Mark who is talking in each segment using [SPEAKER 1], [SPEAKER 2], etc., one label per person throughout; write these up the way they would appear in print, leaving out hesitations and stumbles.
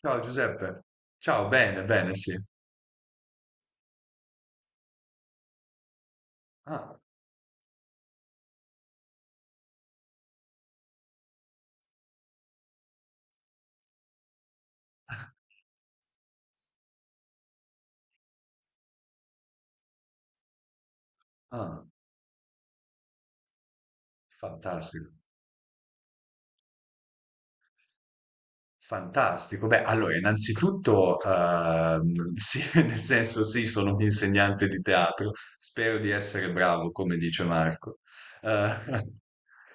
[SPEAKER 1] Ciao Giuseppe, ciao, bene, bene, sì. Ah, ah, fantastico, fantastico. Beh, allora, innanzitutto, sì, nel senso sì, sono un insegnante di teatro, spero di essere bravo, come dice Marco. Eh,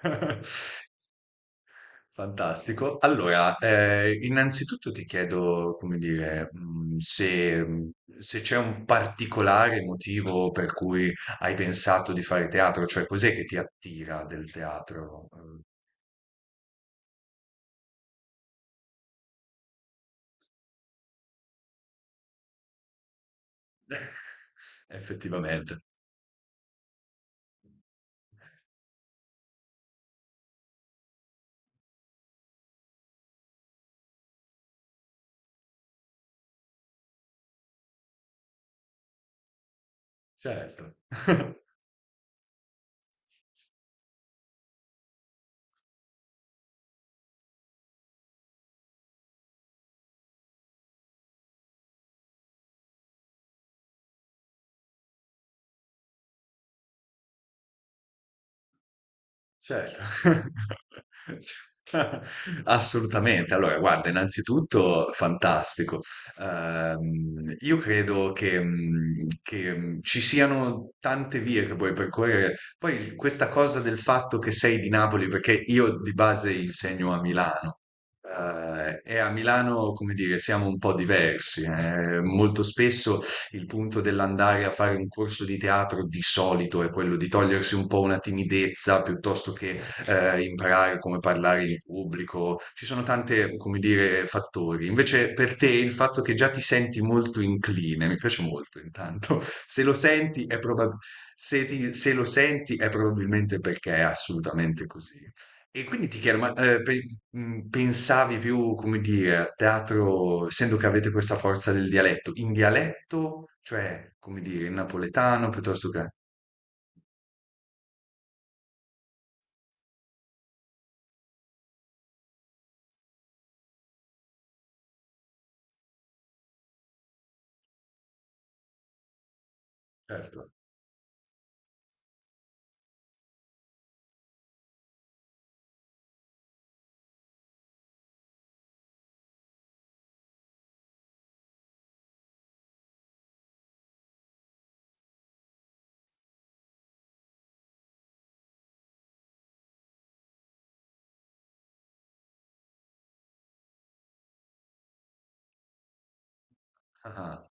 [SPEAKER 1] Fantastico. Allora, innanzitutto ti chiedo, come dire, se c'è un particolare motivo per cui hai pensato di fare teatro, cioè cos'è che ti attira del teatro? Effettivamente. Certo. Certo. Assolutamente. Allora, guarda, innanzitutto fantastico. Io credo che ci siano tante vie che puoi percorrere. Poi questa cosa del fatto che sei di Napoli, perché io di base insegno a Milano. E a Milano, come dire, siamo un po' diversi. Molto spesso il punto dell'andare a fare un corso di teatro di solito è quello di togliersi un po' una timidezza piuttosto che imparare come parlare in pubblico. Ci sono tante, come dire, fattori. Invece per te il fatto che già ti senti molto incline, mi piace molto intanto, se lo senti è se lo senti è probabilmente perché è assolutamente così. E quindi ti chiedo, ma pensavi più, come dire, a teatro, essendo che avete questa forza del dialetto, in dialetto, cioè, come dire, in napoletano piuttosto che... Certo. Ah, ah.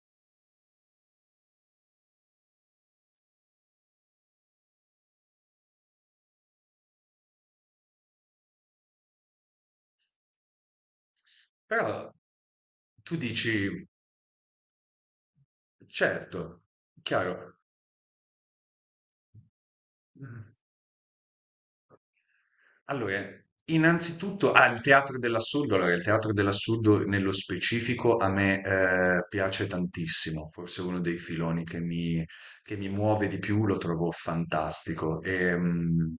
[SPEAKER 1] Però tu dici, certo, chiaro. mm, Allora, innanzitutto, ah, il teatro dell'assurdo, allora, il teatro dell'assurdo nello specifico a me piace tantissimo, forse uno dei filoni che mi muove di più, lo trovo fantastico. E,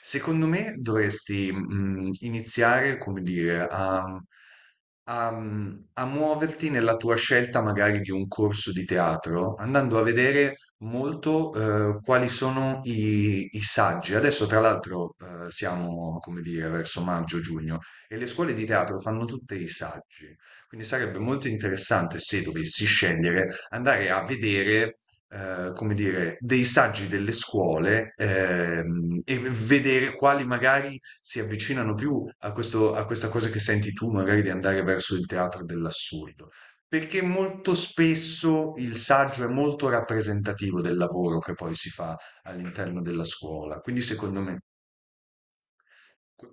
[SPEAKER 1] secondo me dovresti iniziare, come dire, a muoverti nella tua scelta magari di un corso di teatro, andando a vedere molto quali sono i saggi. Adesso, tra l'altro, siamo, come dire, verso maggio-giugno e le scuole di teatro fanno tutte i saggi. Quindi sarebbe molto interessante, se dovessi scegliere, andare a vedere. Come dire, dei saggi delle scuole e vedere quali magari si avvicinano più a a questa cosa che senti tu, magari di andare verso il teatro dell'assurdo. Perché molto spesso il saggio è molto rappresentativo del lavoro che poi si fa all'interno della scuola, quindi secondo me... que-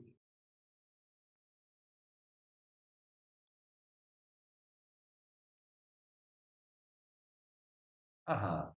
[SPEAKER 1] Ah,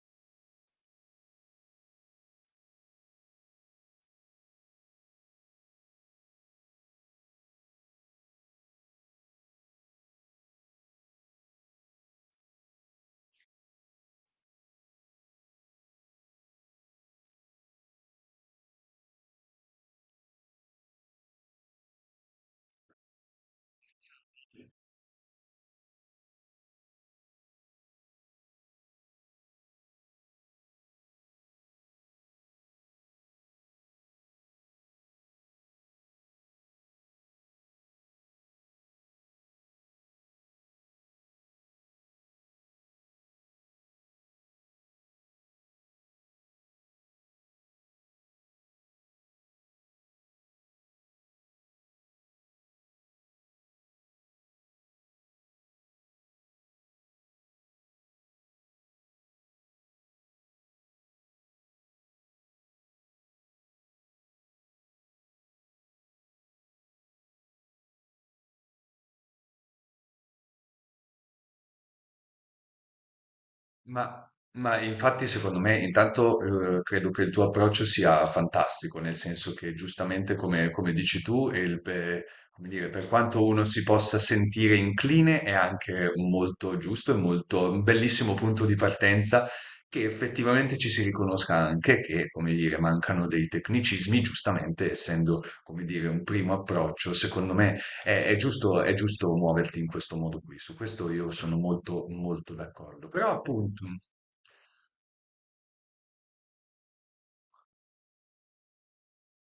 [SPEAKER 1] Ma, ma infatti secondo me intanto credo che il tuo approccio sia fantastico, nel senso che giustamente come dici tu, e come dire, per quanto uno si possa sentire incline è anche molto giusto e molto un bellissimo punto di partenza che effettivamente ci si riconosca anche che, come dire, mancano dei tecnicismi, giustamente essendo, come dire, un primo approccio, secondo me è giusto muoverti in questo modo qui, su questo io sono molto, molto d'accordo. Però appunto,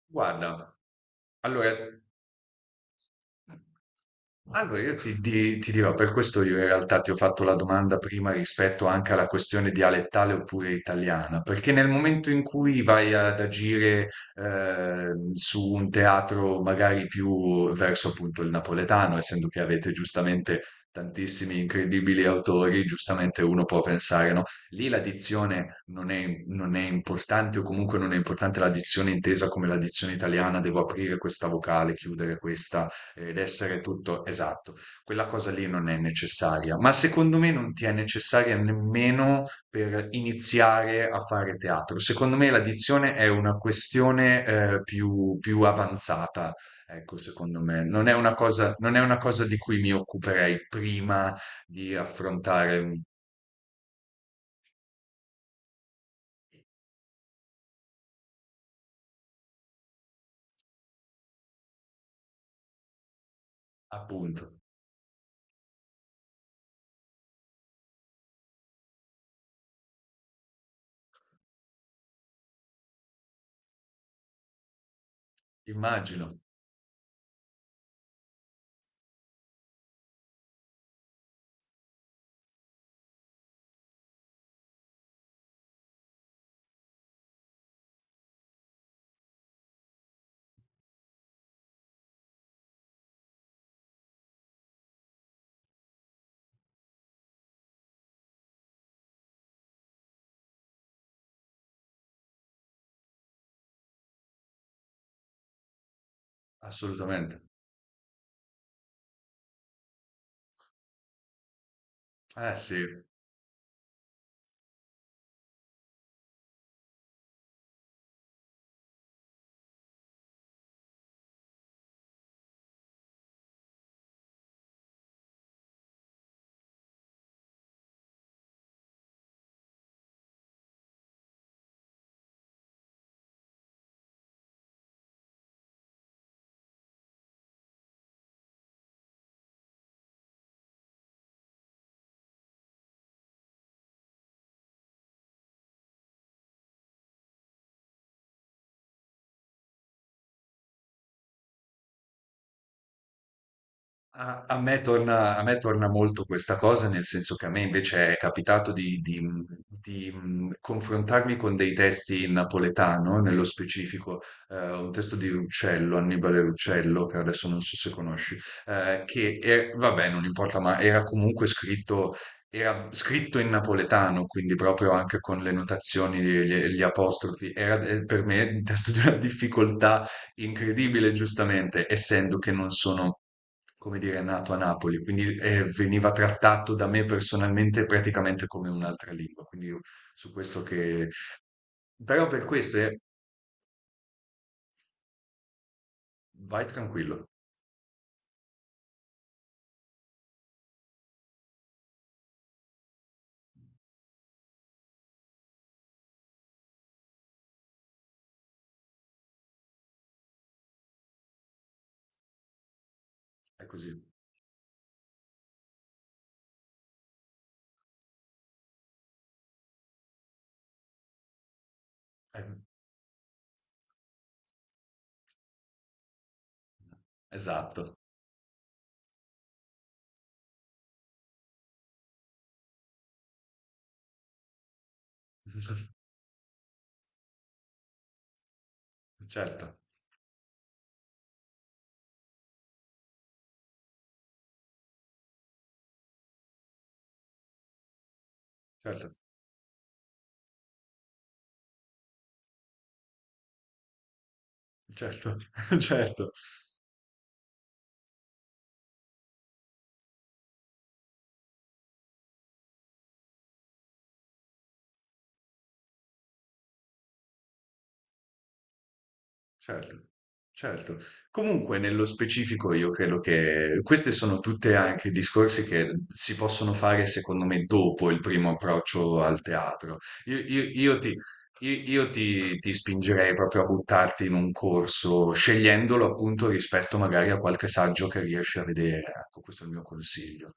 [SPEAKER 1] guarda, allora allora, io ti dirò, per questo io in realtà ti ho fatto la domanda prima rispetto anche alla questione dialettale oppure italiana, perché nel momento in cui vai ad agire su un teatro magari più verso appunto il napoletano, essendo che avete giustamente tantissimi incredibili autori, giustamente uno può pensare, no? Lì la dizione non è, non è importante o comunque non è importante la dizione intesa come la dizione italiana, devo aprire questa vocale, chiudere questa ed essere tutto esatto. Quella cosa lì non è necessaria, ma secondo me non ti è necessaria nemmeno per iniziare a fare teatro. Secondo me l'addizione è una questione più, più avanzata. Ecco, secondo me non è una cosa, non è una cosa di cui mi occuperei prima di affrontare un appunto. Immagino, assolutamente. Eh sì. A, a me torna molto questa cosa, nel senso che a me invece è capitato di confrontarmi con dei testi in napoletano, nello specifico un testo di Ruccello, Annibale Ruccello, che adesso non so se conosci, che vabbè, non importa, ma era comunque scritto, era scritto in napoletano, quindi proprio anche con le notazioni, gli apostrofi, era per me un testo di una difficoltà incredibile, giustamente, essendo che non sono come dire, è nato a Napoli, quindi veniva trattato da me personalmente praticamente come un'altra lingua. Quindi io su questo che... Però per questo è... vai tranquillo, è così. Eh, Esatto. Certo, certo, certo, certo. Certo, certo. Comunque, nello specifico, io credo che queste sono tutte anche discorsi che si possono fare, secondo me, dopo il primo approccio al teatro. Io, io- io ti, io- io ti spingerei proprio a buttarti in un corso, scegliendolo appunto rispetto magari a qualche saggio che riesci a vedere. Ecco, questo è il mio consiglio.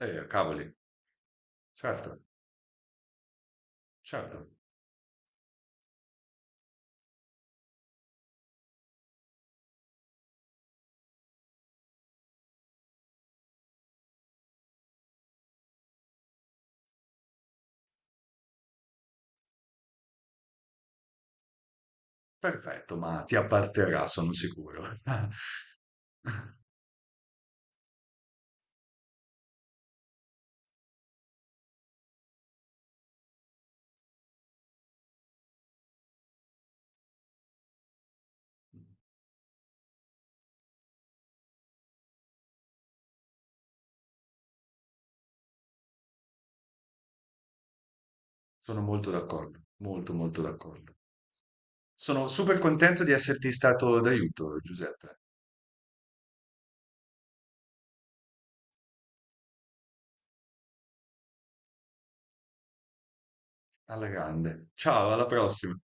[SPEAKER 1] Cavoli, certo, certo. Perfetto, ma ti apparterà, sono sicuro. Sono molto d'accordo, molto, molto d'accordo. Sono super contento di esserti stato d'aiuto, Giuseppe. Alla grande. Ciao, alla prossima.